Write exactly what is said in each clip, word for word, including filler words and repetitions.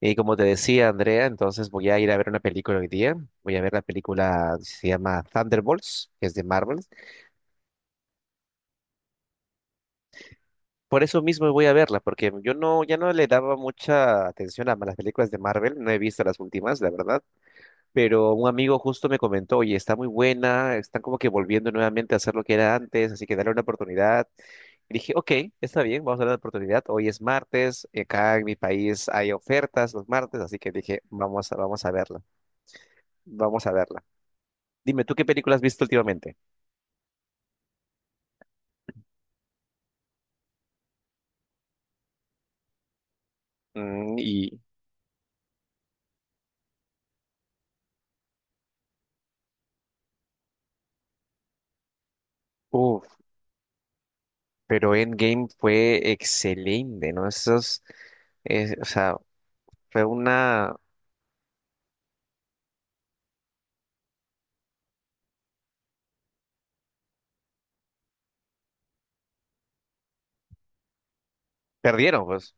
Y como te decía, Andrea, entonces voy a ir a ver una película hoy día. Voy a ver la película, se llama Thunderbolts, que es de Marvel. Por eso mismo voy a verla, porque yo no, ya no le daba mucha atención a las películas de Marvel. No he visto las últimas, la verdad. Pero un amigo justo me comentó, oye, está muy buena, están como que volviendo nuevamente a hacer lo que era antes, así que dale una oportunidad. Y dije, ok, está bien, vamos a darle la oportunidad. Hoy es martes, y acá en mi país hay ofertas los martes, así que dije, vamos a, vamos a verla, vamos a verla. Dime, ¿tú qué película has visto últimamente? Mm, Y, Uff, pero Endgame fue excelente, ¿no? Esos, es- o sea, fue una. Perdieron, pues.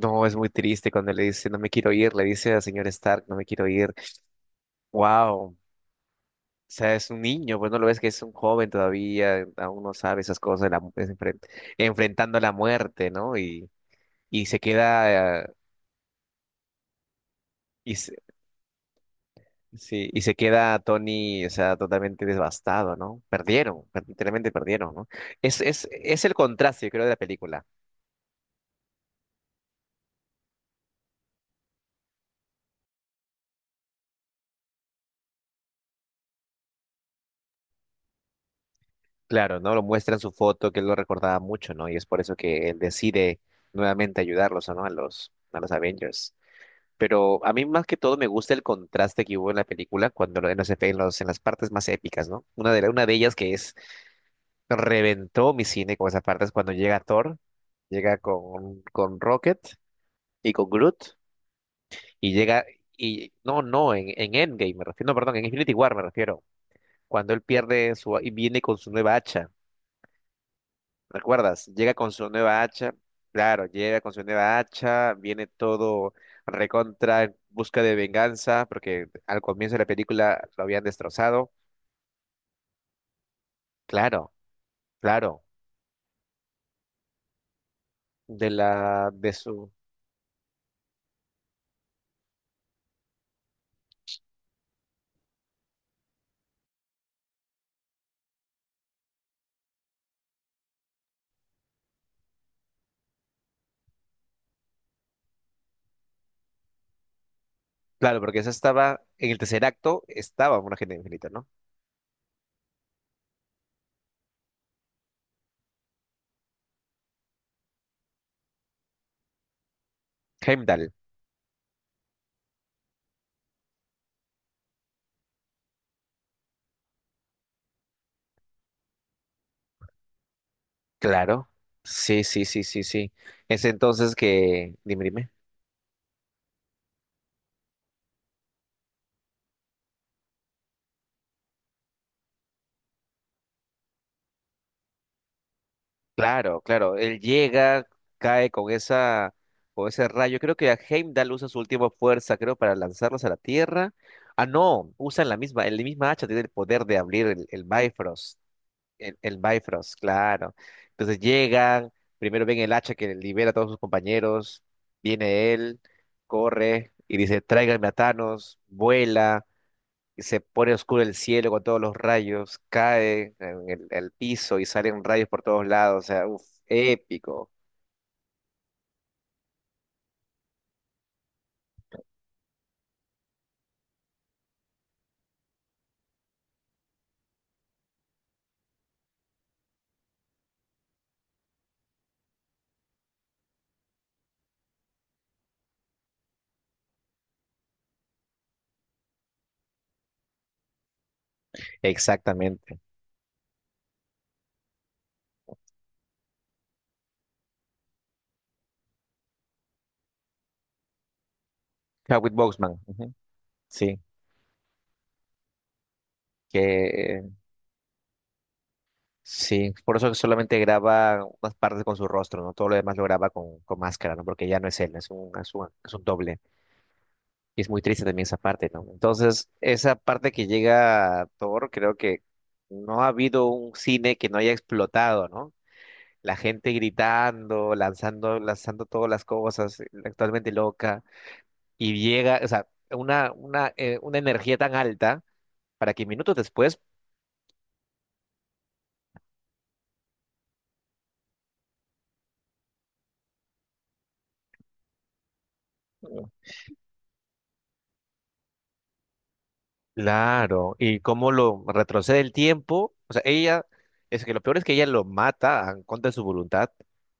No, es muy triste cuando le dice, no me quiero ir, le dice al señor Stark, no me quiero ir. Wow. O sea, es un niño, pues no lo ves que es un joven todavía, aún no sabe esas cosas, la mu- es enfren- enfrentando la muerte, ¿no? Y, y se queda, eh, y, sí, y se queda Tony, o sea, totalmente devastado, ¿no? Perdieron, per- literalmente perdieron, ¿no? Es, es, es el contraste, yo creo, de la película. Claro, ¿no? Lo muestra en su foto, que él lo recordaba mucho, ¿no? Y es por eso que él decide nuevamente ayudarlos, ¿no? A los, a los Avengers. Pero a mí más que todo me gusta el contraste que hubo en la película cuando lo- en los, efe- en los- en las partes más épicas, ¿no? Una de, la- una de ellas que es, reventó mi cine con esa parte es cuando llega Thor, llega con, con Rocket y con Groot. Y llega, y no, no, en, en Endgame me refiero, no, perdón, en Infinity War me refiero, cuando él pierde su, y viene con su nueva hacha, ¿recuerdas? Llega con su nueva hacha, claro, llega con su nueva hacha, viene todo recontra, en busca de venganza, porque al comienzo de la película lo habían destrozado, claro, claro, de la, de su, claro, porque esa estaba, en el tercer acto estaba una gente infinita, ¿no? Heimdall, claro, sí, sí, sí, sí, sí, es entonces que, dime, dime. Claro, claro. Él llega, cae con esa, con ese rayo. Creo que Heimdall usa su última fuerza, creo, para lanzarlos a la Tierra. Ah, no, usan la misma, el misma hacha tiene el poder de abrir el, el Bifrost. El, el Bifrost, claro. Entonces llegan, primero ven el hacha que libera a todos sus compañeros. Viene él, corre y dice, tráiganme a Thanos, vuela, se pone oscuro el cielo con todos los rayos, cae en el, el piso y salen rayos por todos lados, o sea, uf, épico. Exactamente. Chadwick Boseman, ujú. Sí, que eh, sí, por eso que solamente graba unas partes con su rostro, ¿no? Todo lo demás lo graba con, con máscara, ¿no? Porque ya no es él, es un, es un, es un doble. Y es muy triste también esa parte, ¿no? Entonces, esa parte que llega a Thor, creo que no ha habido un cine que no haya explotado, ¿no? La gente gritando, lanzando, lanzando todas las cosas, eh, actualmente loca, y llega, o sea, una, una, eh, una energía tan alta para que minutos después, claro, y cómo lo retrocede el tiempo, o sea, ella, es que lo peor es que ella lo mata en contra de su voluntad,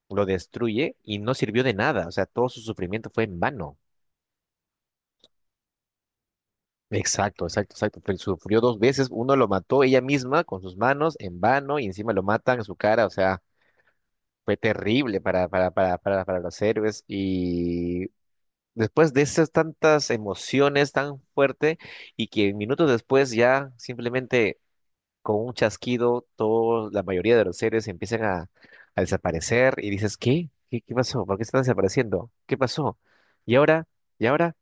lo destruye y no sirvió de nada, o sea, todo su sufrimiento fue en vano. Exacto, exacto, exacto. fue- Sufrió dos veces, uno lo mató ella misma con sus manos en vano y encima lo matan en su cara, o sea, fue terrible para, para, para, para, para los héroes y después de esas tantas emociones tan fuerte y que minutos después ya simplemente con un chasquido todos, la mayoría de los héroes empiezan a, a desaparecer y dices, ¿qué? ¿Qué, qué pasó? ¿Por qué están desapareciendo? ¿Qué pasó? ¿Y ahora? ¿Y ahora?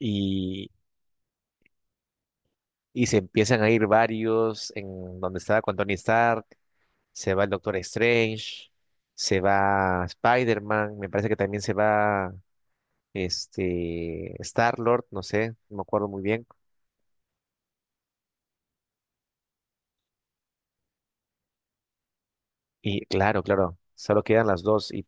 Y, y se empiezan a ir varios en donde estaba con Tony Stark, se va el Doctor Strange, se va Spider-Man, me parece que también se va este, Star-Lord, no sé, no me acuerdo muy bien. Y claro, claro, solo quedan las dos. Y,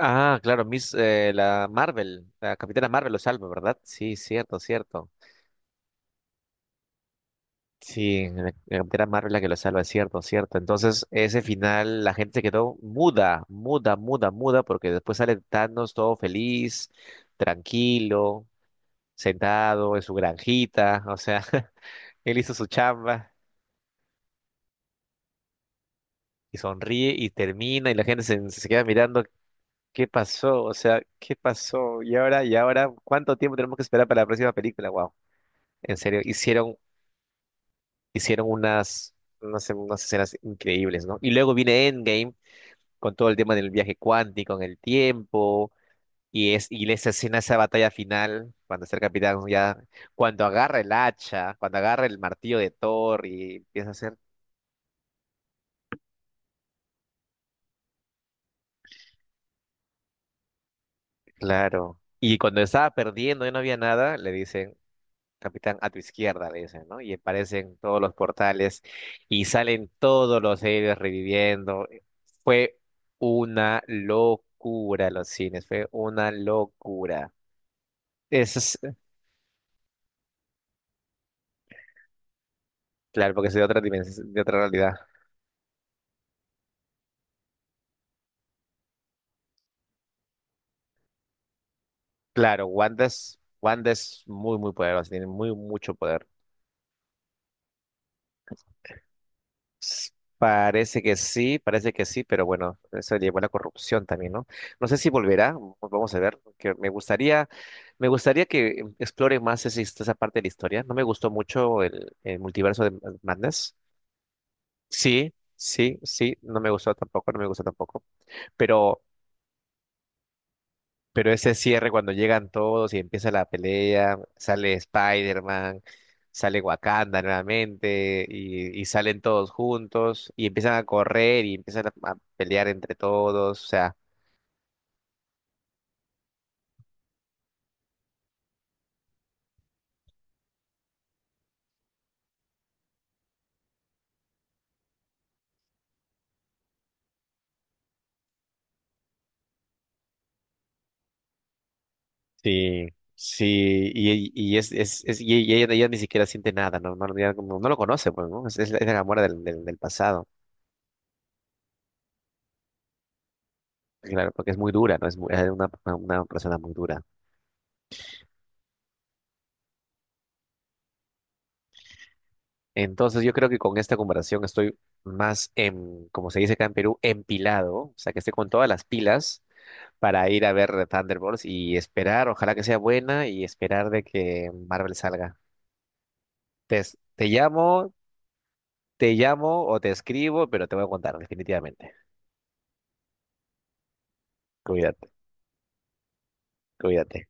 ah, claro, Miss, eh, la Marvel, la Capitana Marvel lo salva, ¿verdad? Sí, cierto, cierto. Sí, la, la Capitana Marvel la que lo salva, cierto, cierto. Entonces, ese final, la gente se quedó muda, muda, muda, muda, porque después sale Thanos todo feliz, tranquilo, sentado en su granjita, o sea, él hizo su chamba y sonríe y termina y la gente se, se queda mirando. ¿Qué pasó? O sea, ¿qué pasó? Y ahora, y ahora, ¿cuánto tiempo tenemos que esperar para la próxima película? Wow, en serio, hicieron, hicieron unas, unas, unas escenas increíbles, ¿no? Y luego viene Endgame con todo el tema del viaje cuántico en el tiempo, y es y esa escena, esa batalla final cuando está el capitán ya, cuando agarra el hacha, cuando agarra el martillo de Thor y empieza a hacer, claro. Y cuando estaba perdiendo y no había nada, le dicen, capitán, a tu izquierda, le dicen, ¿no? Y aparecen todos los portales y salen todos los héroes reviviendo. Fue una locura los cines, fue una locura. Eso es, claro, porque es de otra dimensión, de otra realidad. Claro, Wanda es, Wanda es muy, muy poderosa, tiene muy, mucho poder. S- Parece que sí, parece que sí, pero bueno, eso llevó a la corrupción también, ¿no? No sé si volverá, v- vamos a ver, que me gustaría, me gustaría, que explore más esa, his- esa parte de la historia. No me gustó mucho el, el multiverso de Madness. Sí, sí, sí, no me gustó tampoco, no me gustó tampoco. Pero Pero ese cierre cuando llegan todos y empieza la pelea, sale Spider-Man, sale Wakanda nuevamente y, y salen todos juntos y empiezan a correr y empiezan a, a pelear entre todos, o sea, sí, sí, y, y es, es, es- y y ella, ella ni siquiera siente nada, no, no, ya como- no lo conoce, pues, ¿no? Es, es la es la Gamora del, del, del pasado, claro, porque es muy dura, ¿no? Es, muy- es una, una persona muy dura. Entonces yo creo que con esta comparación estoy más, en, como se dice acá en Perú, empilado, o sea que estoy con todas las pilas para ir a ver Thunderbolts y esperar, ojalá que sea buena y esperar de que Marvel salga. Te, es- te llamo, te llamo o te escribo, pero te voy a contar definitivamente. Cuídate, cuídate.